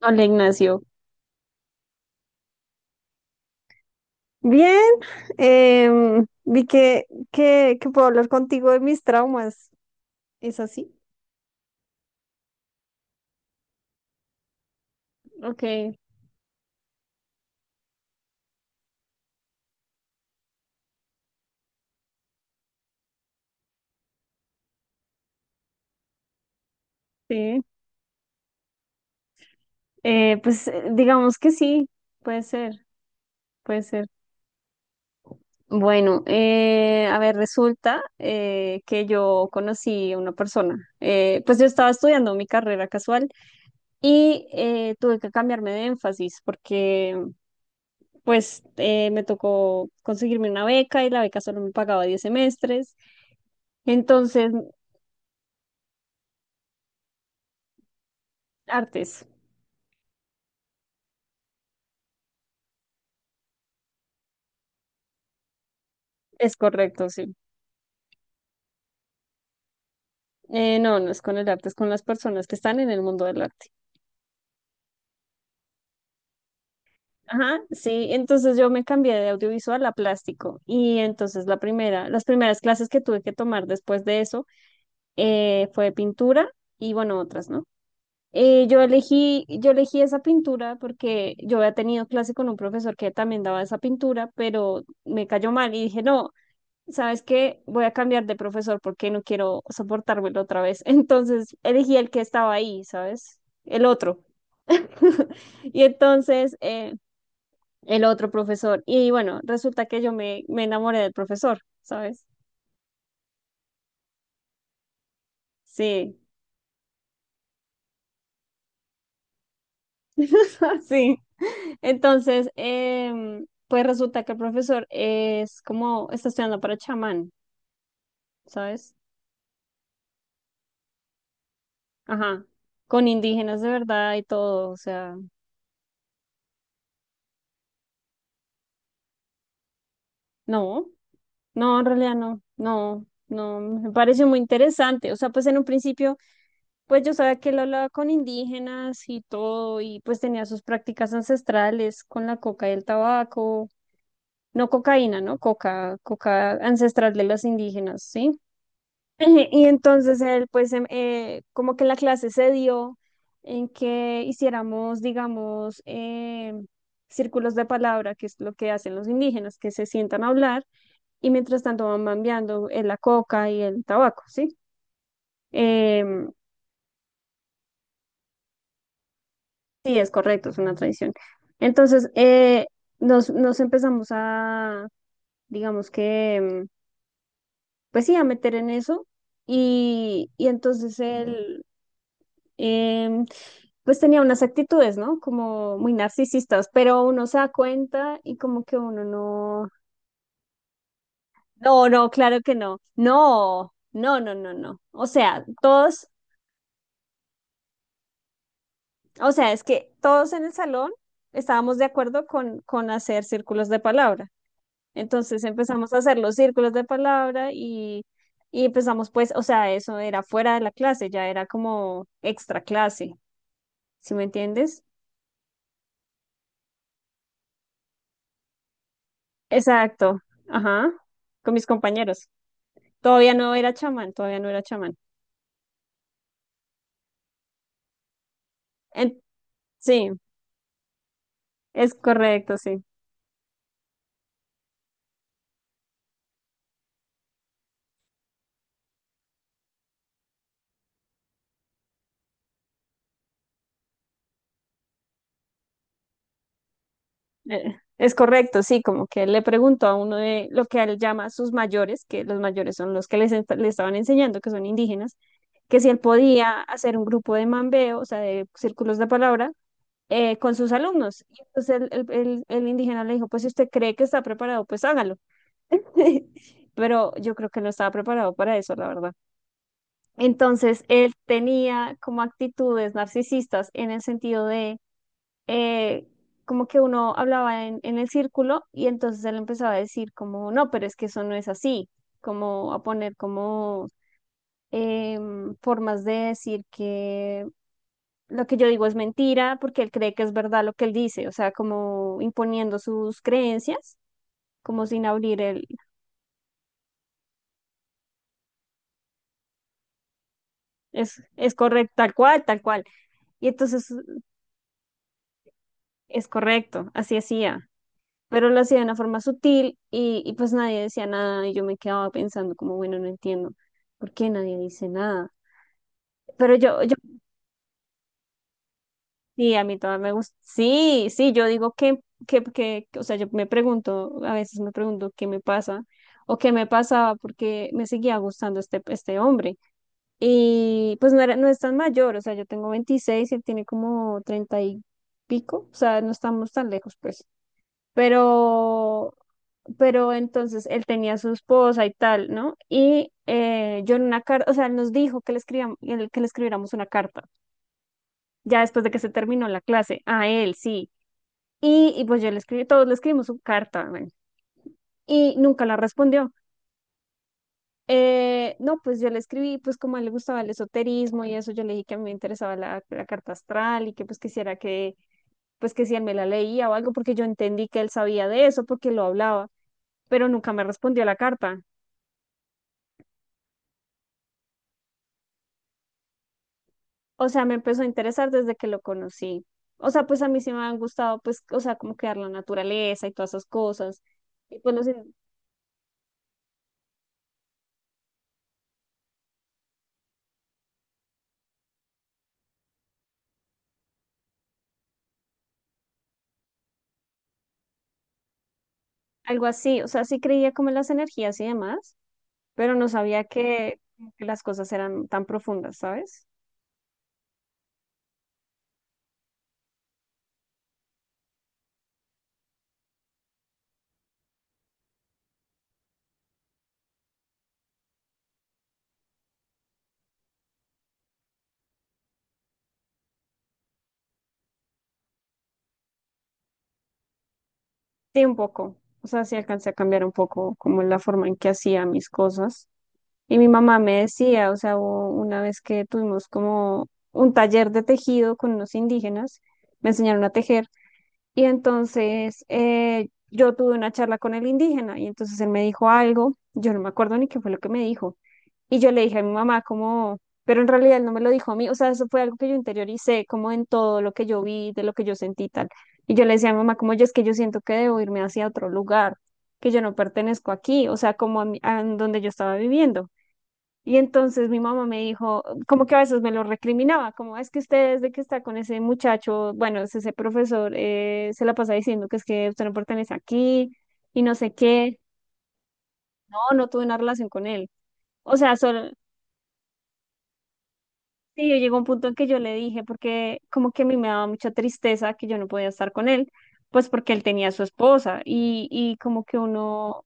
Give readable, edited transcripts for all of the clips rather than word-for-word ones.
Hola, Ignacio. Bien, vi que puedo hablar contigo de mis traumas. ¿Es así? Ok, sí. Pues digamos que sí, puede ser, puede ser. Bueno, a ver, resulta que yo conocí a una persona. Pues yo estaba estudiando mi carrera casual y tuve que cambiarme de énfasis porque pues me tocó conseguirme una beca y la beca solo me pagaba 10 semestres. Entonces, artes, es correcto, sí. No, no es con el arte, es con las personas que están en el mundo del arte. Ajá, sí, entonces yo me cambié de audiovisual a plástico y entonces la primera, las primeras clases que tuve que tomar después de eso fue de pintura y bueno, otras, ¿no? Yo elegí esa pintura porque yo había tenido clase con un profesor que también daba esa pintura, pero me cayó mal y dije, no, ¿sabes qué? Voy a cambiar de profesor porque no quiero soportármelo otra vez. Entonces elegí el que estaba ahí, ¿sabes? El otro. Y entonces el otro profesor. Y bueno, resulta que yo me enamoré del profesor, ¿sabes? Sí, sí. Entonces, pues resulta que el profesor es como, está estudiando para chamán, ¿sabes? Ajá. Con indígenas de verdad y todo, o sea, no. No, en realidad no, no, no, me parece muy interesante. O sea, pues en un principio, pues yo sabía que él hablaba con indígenas y todo, y pues tenía sus prácticas ancestrales con la coca y el tabaco, no cocaína, ¿no? Coca, coca ancestral de los indígenas, ¿sí? Y entonces él, pues como que la clase se dio en que hiciéramos, digamos, círculos de palabra, que es lo que hacen los indígenas, que se sientan a hablar y mientras tanto van cambiando la coca y el tabaco, ¿sí? Em, sí, es correcto, es una tradición. Entonces, nos empezamos a, digamos que, pues sí, a meter en eso y entonces él, em, pues tenía unas actitudes, ¿no? Como muy narcisistas, pero uno se da cuenta y como que uno no, no, no, claro que no, no, no, no, no, no. O sea, todos, o sea, es que todos en el salón estábamos de acuerdo con hacer círculos de palabra. Entonces empezamos a hacer los círculos de palabra y empezamos pues, o sea, eso era fuera de la clase, ya era como extra clase, ¿sí me entiendes? Exacto, ajá, con mis compañeros. Todavía no era chamán, todavía no era chamán. En- sí, es correcto, sí. Es correcto, sí, como que él le preguntó a uno de lo que él llama sus mayores, que los mayores son los que le estaban enseñando, que son indígenas, que si él podía hacer un grupo de mambeo, o sea, de círculos de palabra, con sus alumnos. Y entonces el indígena le dijo, pues si usted cree que está preparado, pues hágalo. Pero yo creo que no estaba preparado para eso, la verdad. Entonces él tenía como actitudes narcisistas en el sentido eh, como que uno hablaba en el círculo y entonces él empezaba a decir como, no, pero es que eso no es así, como a poner como formas de decir que lo que yo digo es mentira porque él cree que es verdad lo que él dice, o sea, como imponiendo sus creencias, como sin abrir el, es correcto, tal cual, tal cual. Y entonces es correcto, así hacía. Pero lo hacía de una forma sutil y pues nadie decía nada y yo me quedaba pensando como, bueno, no entiendo por qué nadie dice nada. Pero yo, sí, a mí todavía me gusta, sí, sí, yo digo que, o sea, yo me pregunto, a veces me pregunto qué me pasa o qué me pasaba porque me seguía gustando este, este hombre. Y pues no era, no es tan mayor, o sea, yo tengo 26 y él tiene como 30 y pico, o sea, no estamos tan lejos, pues. Pero pero entonces él tenía a su esposa y tal, ¿no? Y yo en una carta, o sea, él nos dijo que le escribíamos, que le escribiéramos una carta, ya después de que se terminó la clase, a él, sí. Y pues yo le escribí, todos le escribimos su carta, bueno, y nunca la respondió. No, pues yo le escribí, pues como a él le gustaba el esoterismo y eso, yo le dije que a mí me interesaba la, la carta astral y que pues quisiera que, pues que si él me la leía o algo, porque yo entendí que él sabía de eso, porque lo hablaba, pero nunca me respondió la carta. O sea, me empezó a interesar desde que lo conocí. O sea, pues a mí sí me han gustado, pues, o sea, como quedar la naturaleza y todas esas cosas. Y pues no sé, algo así. O sea, sí creía como en las energías y demás, pero no sabía que, como que las cosas eran tan profundas, ¿sabes? Sí, un poco. O sea, sí alcancé a cambiar un poco como la forma en que hacía mis cosas. Y mi mamá me decía, o sea, hubo una vez que tuvimos como un taller de tejido con unos indígenas, me enseñaron a tejer. Y entonces yo tuve una charla con el indígena y entonces él me dijo algo, yo no me acuerdo ni qué fue lo que me dijo. Y yo le dije a mi mamá como, pero en realidad él no me lo dijo a mí, o sea, eso fue algo que yo interioricé como en todo lo que yo vi, de lo que yo sentí y tal. Y yo le decía a mi mamá como, yo es que yo siento que debo irme hacia otro lugar, que yo no pertenezco aquí, o sea, como a, a donde yo estaba viviendo. Y entonces mi mamá me dijo, como que a veces me lo recriminaba, como es que usted desde que está con ese muchacho, bueno, es ese profesor, se la pasa diciendo que es que usted no pertenece aquí y no sé qué. No, no tuve una relación con él. O sea, solo, sí, llegó un punto en que yo le dije, porque como que a mí me daba mucha tristeza que yo no podía estar con él, pues porque él tenía a su esposa y como que uno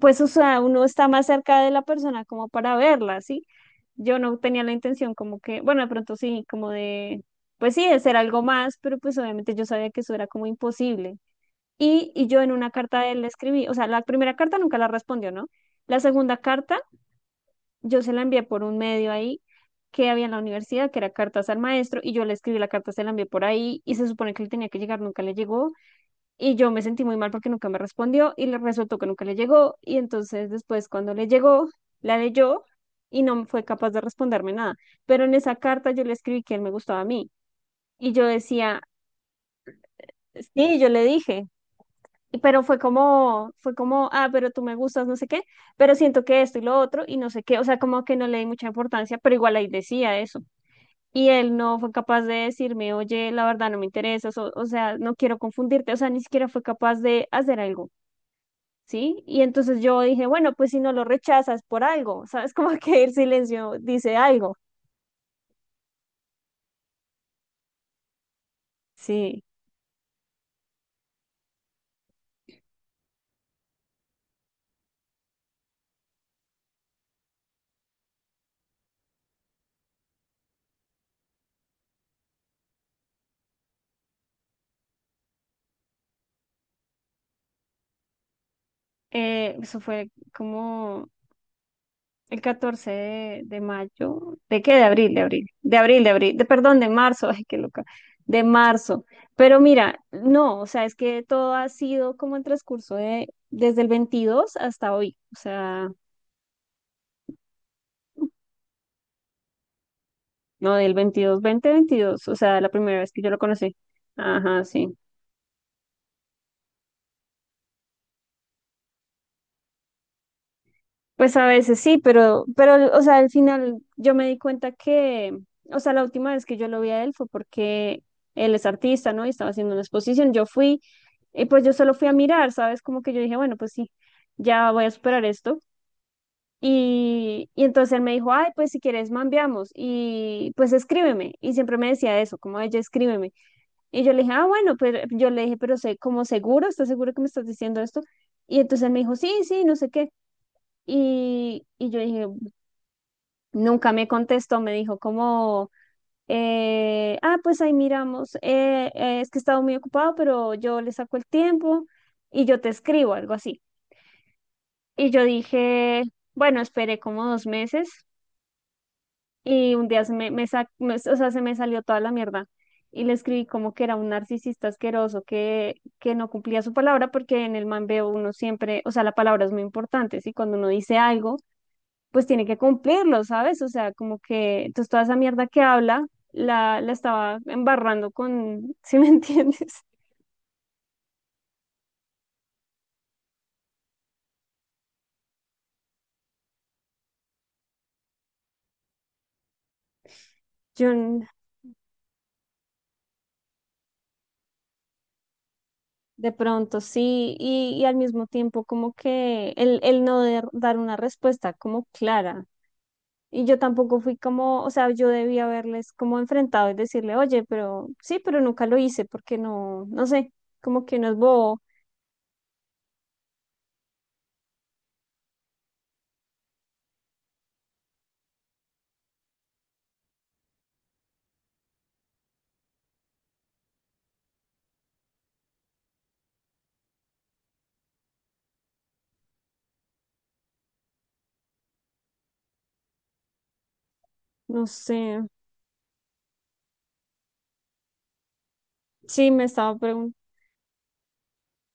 pues, o sea, uno está más cerca de la persona como para verla, ¿sí? Yo no tenía la intención como que, bueno, de pronto sí, como de, pues sí, de ser algo más, pero pues obviamente yo sabía que eso era como imposible. Y yo en una carta de él le escribí, o sea, la primera carta nunca la respondió, ¿no? La segunda carta yo se la envié por un medio ahí que había en la universidad, que era cartas al maestro, y yo le escribí la carta, se la envié por ahí, y se supone que él tenía que llegar, nunca le llegó, y yo me sentí muy mal porque nunca me respondió y le resultó que nunca le llegó. Y entonces después cuando le llegó, la leyó y no fue capaz de responderme nada. Pero en esa carta yo le escribí que él me gustaba a mí. Y yo decía, sí, yo le dije. Pero fue como, ah, pero tú me gustas, no sé qué, pero siento que esto y lo otro y no sé qué, o sea, como que no le di mucha importancia, pero igual ahí decía eso. Y él no fue capaz de decirme, oye, la verdad no me interesas, o sea, no quiero confundirte, o sea, ni siquiera fue capaz de hacer algo. ¿Sí? Y entonces yo dije, bueno, pues si no lo rechazas por algo, ¿sabes? Como que el silencio dice algo, sí. Eso fue como el 14 de mayo, ¿de qué? De abril, de abril, de abril, de abril, de, perdón, de marzo, ay, qué loca, de marzo. Pero mira, no, o sea, es que todo ha sido como el transcurso de, desde el 22 hasta hoy, o sea, no, del 22 2022, o sea, la primera vez que yo lo conocí. Ajá, sí. Pues a veces sí, pero, o sea, al final yo me di cuenta que, o sea, la última vez que yo lo vi a él fue porque él es artista, ¿no? Y estaba haciendo una exposición. Yo fui, y pues yo solo fui a mirar, ¿sabes? Como que yo dije, bueno, pues sí, ya voy a superar esto. Y entonces él me dijo, ay, pues si quieres, mambiamos. Y pues escríbeme. Y siempre me decía eso, como ella, escríbeme. Y yo le dije, ah, bueno, pero yo le dije, pero sé, como seguro, ¿estás seguro que me estás diciendo esto? Y entonces él me dijo, sí, sí, no sé qué. Y yo dije, nunca me contestó, me dijo como, pues ahí miramos, es que he estado muy ocupado, pero yo le saco el tiempo y yo te escribo, algo así. Y yo dije, bueno, esperé como 2 meses y un día se me, me sa- me- o sea, se me salió toda la mierda. Y le escribí como que era un narcisista asqueroso que no cumplía su palabra, porque en el man veo uno siempre, o sea, la palabra es muy importante, ¿sí? Cuando uno dice algo, pues tiene que cumplirlo, ¿sabes? O sea, como que entonces toda esa mierda que habla la, la estaba embarrando con, ¿sí me entiendes? Yo n- de pronto sí, y al mismo tiempo como que el no der- dar una respuesta como clara. Y yo tampoco fui como, o sea, yo debía haberles como enfrentado y decirle, oye, pero sí, pero nunca lo hice porque no, no sé, como que no es bobo, no sé. Sí, me estaba preguntando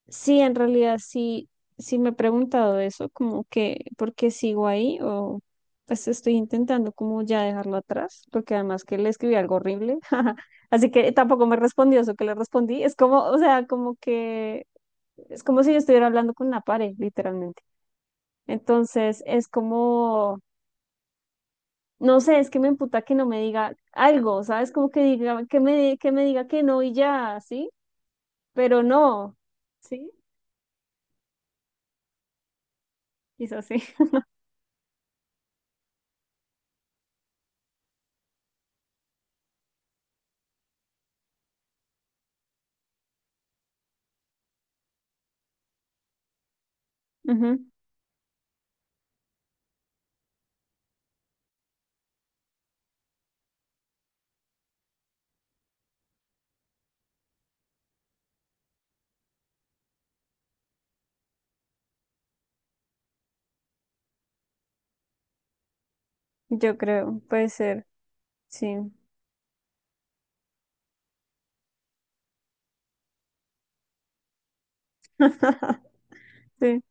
Sí, en realidad sí, sí me he preguntado eso, como que, ¿por qué sigo ahí? O pues estoy intentando como ya dejarlo atrás, porque además que le escribí algo horrible, así que tampoco me respondió eso que le respondí. Es como, o sea, como que, es como si yo estuviera hablando con una pared, literalmente. Entonces, es como, no sé, es que me emputa que no me diga algo, ¿sabes? Como que diga, que me diga que no y ya, ¿sí? Pero no, ¿sí? Quizás sí. Ujú. Yo creo, puede ser, sí. Sí,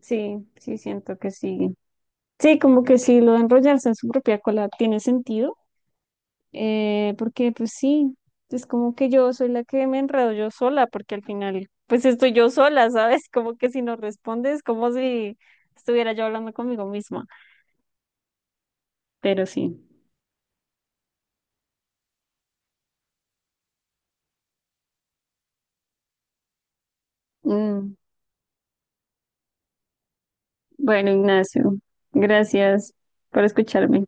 sí, sí, siento que sí. Sí, como que sí, lo de enrollarse en su propia cola tiene sentido, porque pues sí, es como que yo soy la que me enredo yo sola, porque al final pues estoy yo sola, ¿sabes? Como que si no respondes, como si estuviera yo hablando conmigo misma, pero sí. Mm, bueno, Ignacio, gracias por escucharme.